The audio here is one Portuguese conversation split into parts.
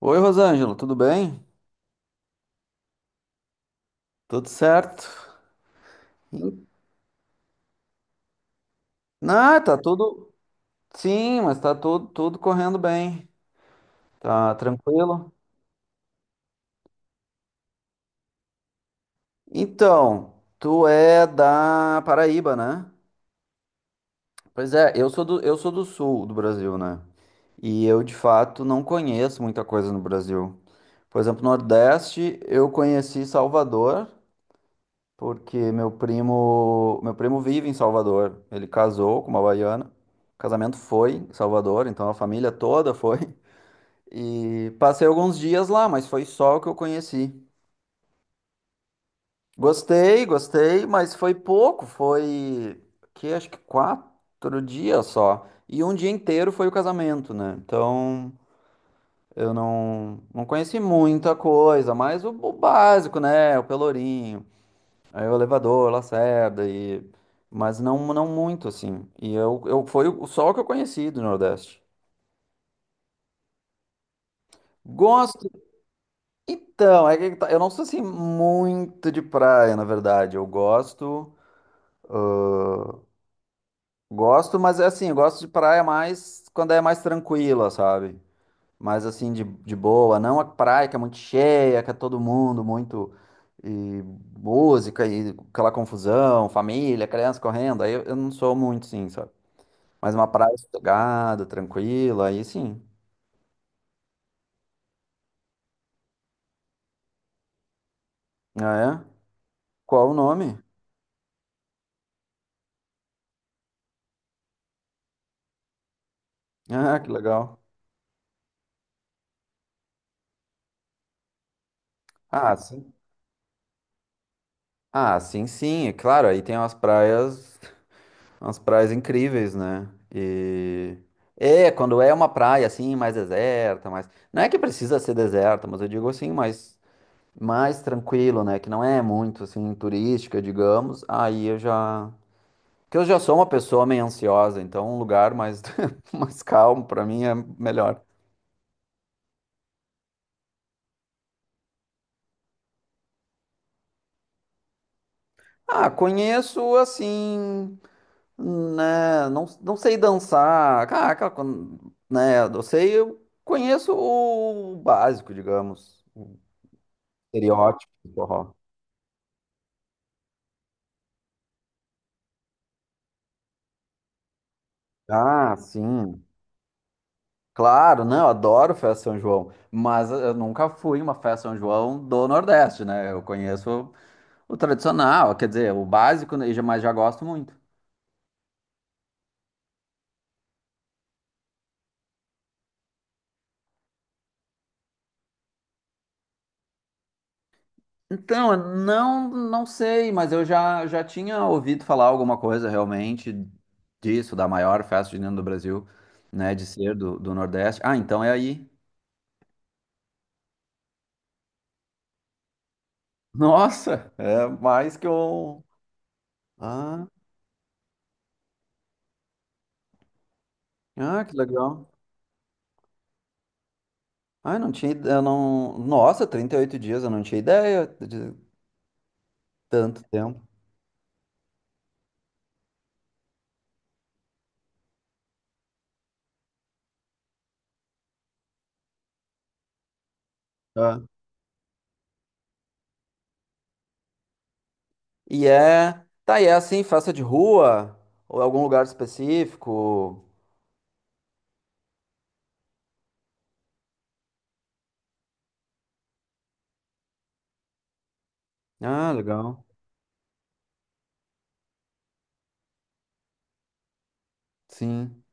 Oi, Rosângelo, tudo bem? Tudo certo? Ah, tá tudo. Sim, mas tá tudo correndo bem. Tá tranquilo? Então, tu é da Paraíba, né? Pois é, eu sou do sul do Brasil, né? E eu, de fato, não conheço muita coisa no Brasil. Por exemplo, Nordeste, eu conheci Salvador, porque meu primo vive em Salvador. Ele casou com uma baiana. O casamento foi em Salvador, então a família toda foi. E passei alguns dias lá, mas foi só o que eu conheci. Gostei, gostei, mas foi pouco. Foi que acho que 4 dias só. E um dia inteiro foi o casamento, né? Então eu não conheci muita coisa, mas o básico, né? O Pelourinho. Aí o elevador, Lacerda e mas não muito assim. E eu foi o só o que eu conheci do Nordeste. Gosto. Então, é que eu não sou assim muito de praia, na verdade. Eu gosto, gosto, mas é assim, eu gosto de praia mais quando é mais tranquila, sabe? Mais assim de boa, não a praia que é muito cheia, que é todo mundo muito e música e aquela confusão, família, criança correndo. Aí eu não sou muito, sim, sabe? Mas uma praia sossegada, tranquila, aí sim. Ah, é? Qual o nome? Ah, que legal. Ah, sim. Ah, sim, sim. É claro, aí tem umas praias, incríveis, né? E é, quando é uma praia assim, mais deserta, mais não é que precisa ser deserta, mas eu digo assim, mais tranquilo, né, que não é muito assim turística, digamos. Aí eu já que eu já sou uma pessoa meio ansiosa, então um lugar mais, mais calmo pra mim é melhor. Ah, conheço assim, né? Não, não sei dançar. Ah, né? Eu conheço o básico, digamos, o estereótipo do forró. Ah, sim. Claro, né? Eu adoro festa São João, mas eu nunca fui em uma festa São João do Nordeste, né? Eu conheço o tradicional, quer dizer, o básico, né, mas já gosto muito. Então, eu não sei, mas eu já tinha ouvido falar alguma coisa realmente disso, da maior festa junina do Brasil, né, de ser do Nordeste. Ah, então é aí. Nossa, é mais que um. Ah, ah, que legal. Ah, eu não tinha, eu não. Nossa, 38 dias, eu não tinha ideia de tanto tempo. Tá. E é, é assim, festa de rua ou algum lugar específico? Ah, legal. Sim.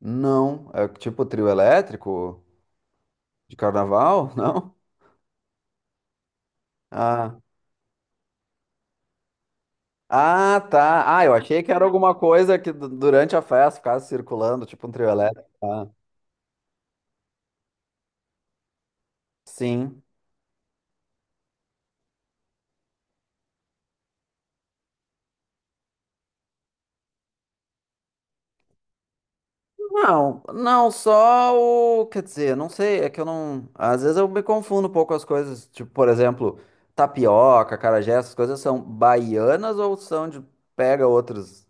Não, é tipo trio elétrico de carnaval, não? Ah, ah, tá. Ah, eu achei que era alguma coisa que durante a festa ficasse circulando, tipo um trio elétrico. Ah, sim. Não, não, só o. Quer dizer, não sei, é que eu não. Às vezes eu me confundo um pouco as coisas. Tipo, por exemplo, tapioca, acarajé, essas coisas são baianas ou são de. Pega outros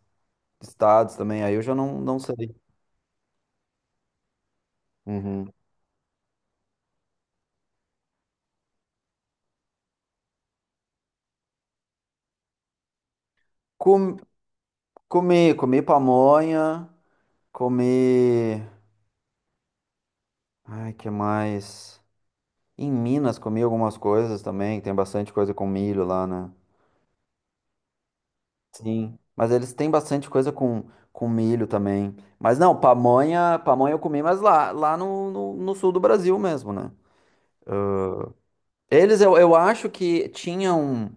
estados também, aí eu já não sei. Uhum. Com- comi pamonha. Comi. Ai, que mais? Em Minas comi algumas coisas também, tem bastante coisa com milho lá, né? Sim. Mas eles têm bastante coisa com milho também. Mas não, pamonha eu comi, mas lá no, no sul do Brasil mesmo, né? Eles, eu acho que tinham.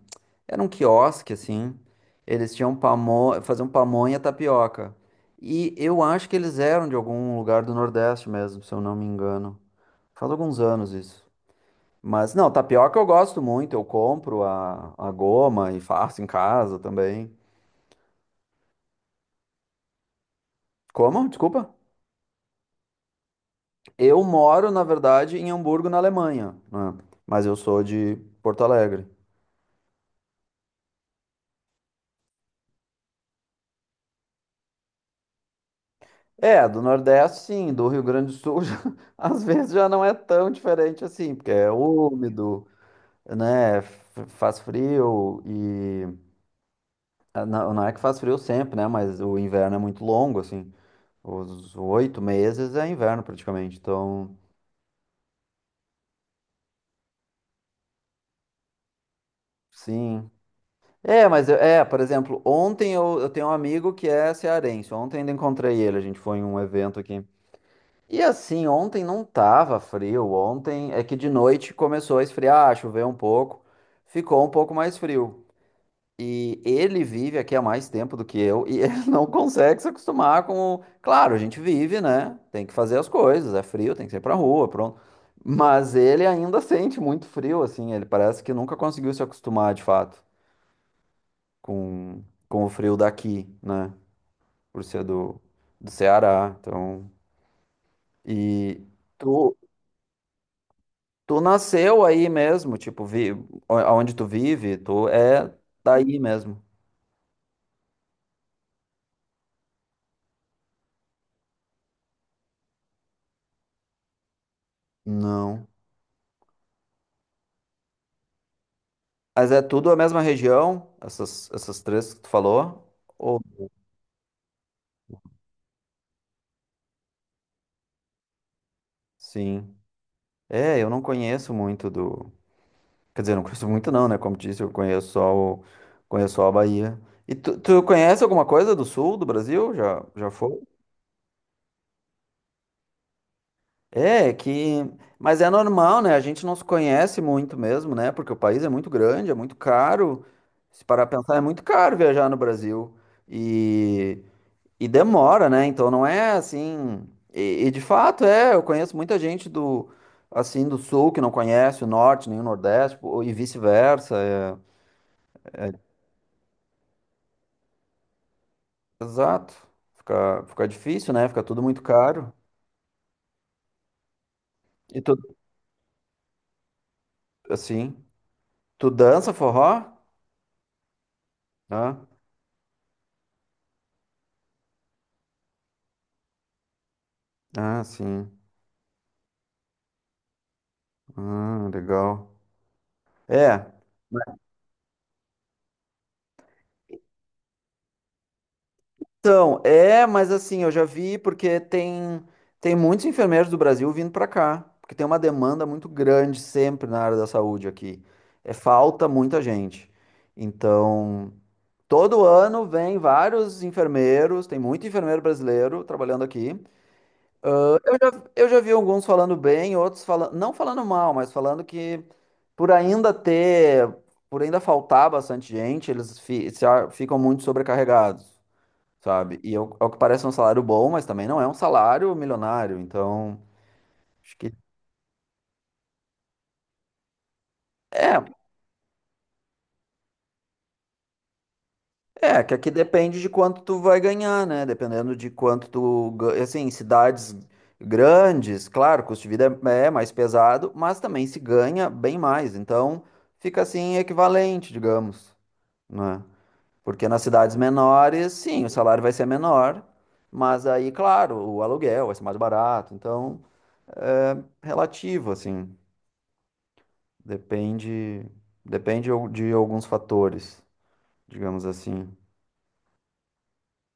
Era um quiosque, assim. Eles tinham pamonha, faziam pamonha tapioca. E eu acho que eles eram de algum lugar do Nordeste mesmo, se eu não me engano. Faz alguns anos isso. Mas não, tapioca eu gosto muito, eu compro a goma e faço em casa também. Como? Desculpa. Eu moro, na verdade, em Hamburgo, na Alemanha, né? Mas eu sou de Porto Alegre. É, do Nordeste, sim, do Rio Grande do Sul, às vezes já não é tão diferente assim, porque é úmido, né? Faz frio e. Não, não é que faz frio sempre, né? Mas o inverno é muito longo, assim. Os 8 meses é inverno praticamente, então. Sim, é, mas é, por exemplo, ontem eu tenho um amigo que é cearense. Ontem ainda encontrei ele, a gente foi em um evento aqui. E assim, ontem não tava frio. Ontem é que de noite começou a esfriar, choveu um pouco, ficou um pouco mais frio. E ele vive aqui há mais tempo do que eu e ele não consegue se acostumar com. Claro, a gente vive, né? Tem que fazer as coisas, é frio, tem que sair pra rua, pronto. Mas ele ainda sente muito frio, assim. Ele parece que nunca conseguiu se acostumar de fato com o frio daqui, né? Por ser do Ceará. Então, e tu, tu nasceu aí mesmo, tipo, aonde tu vive, tu é daí mesmo. Não. Mas é tudo a mesma região, essas três que tu falou? Ou... Sim. É, eu não conheço muito do. Quer dizer, não conheço muito não, né? Como disse, eu conheço só o... conheço só a Bahia. E tu conhece alguma coisa do sul do Brasil? Já foi? É, que. Mas é normal, né? A gente não se conhece muito mesmo, né? Porque o país é muito grande, é muito caro. Se parar pra pensar, é muito caro viajar no Brasil. E, e demora, né? Então não é assim. E de fato é, eu conheço muita gente do assim do sul que não conhece o norte nem o nordeste pô, e vice-versa. É. Exato. Fica difícil, né? Fica tudo muito caro. E tu, assim, tu dança forró? Ah, ah, sim. Ah, legal. É. Então, é, mas assim, eu já vi porque tem muitos enfermeiros do Brasil vindo para cá, porque tem uma demanda muito grande sempre na área da saúde aqui. É falta muita gente. Então, todo ano vem vários enfermeiros, tem muito enfermeiro brasileiro trabalhando aqui. Eu já, eu já vi alguns falando bem, outros falando, não falando mal, mas falando que por ainda ter, por ainda faltar bastante gente, eles fi- se a- ficam muito sobrecarregados. Sabe? E ao que parece é um salário bom, mas também não é um salário milionário. Então, acho que é, é que aqui depende de quanto tu vai ganhar, né? Dependendo de quanto tu, assim, cidades grandes, claro, o custo de vida é mais pesado, mas também se ganha bem mais. Então, fica assim equivalente, digamos, né? Porque nas cidades menores, sim, o salário vai ser menor, mas aí, claro, o aluguel vai ser mais barato. Então, relativo, assim. Depende, depende de alguns fatores, digamos assim.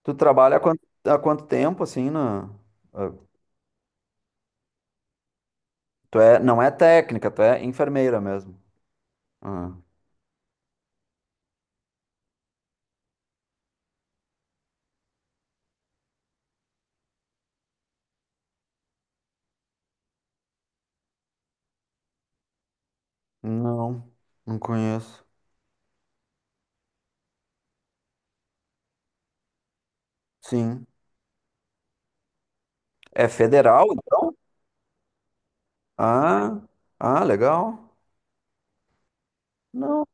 Tu trabalha há quanto tempo, assim, na... ah, Tu é, não é técnica, tu é enfermeira mesmo. Ah, não, não conheço. Sim. É federal, então? Ah, ah, legal. Não.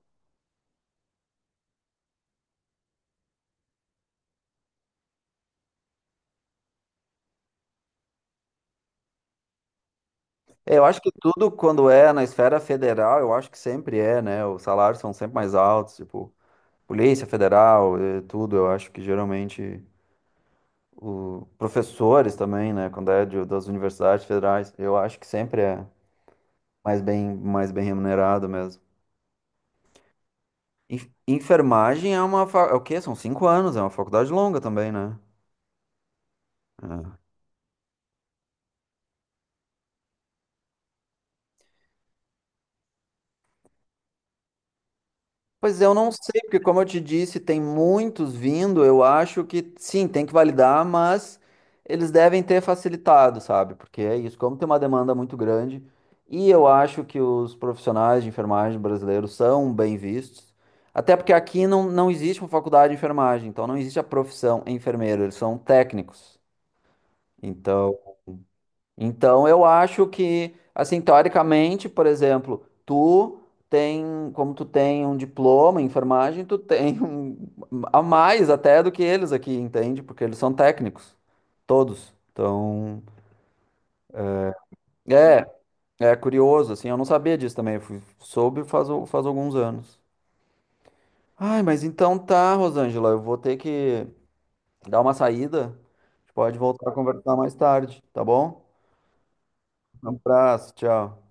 Eu acho que tudo quando é na esfera federal, eu acho que sempre é, né? Os salários são sempre mais altos, tipo, Polícia Federal, tudo, eu acho que geralmente professores também, né? Quando é das universidades federais, eu acho que sempre é mais bem remunerado mesmo. Enfermagem é uma. É o quê? São 5 anos, é uma faculdade longa também, né? É. Pois eu não sei, porque como eu te disse, tem muitos vindo, eu acho que sim, tem que validar, mas eles devem ter facilitado, sabe? Porque é isso, como tem uma demanda muito grande, e eu acho que os profissionais de enfermagem brasileiros são bem vistos, até porque aqui não existe uma faculdade de enfermagem, então não existe a profissão enfermeiro, eles são técnicos. Então, então eu acho que, assim, teoricamente, por exemplo, tu tem, como tu tem um diploma em enfermagem, tu tem um, a mais até do que eles aqui, entende? Porque eles são técnicos, todos. Então, é, é curioso, assim, eu não sabia disso também, eu soube faz alguns anos. Ai, mas então tá, Rosângela, eu vou ter que dar uma saída. A gente pode voltar a conversar mais tarde, tá bom? Um abraço, tchau.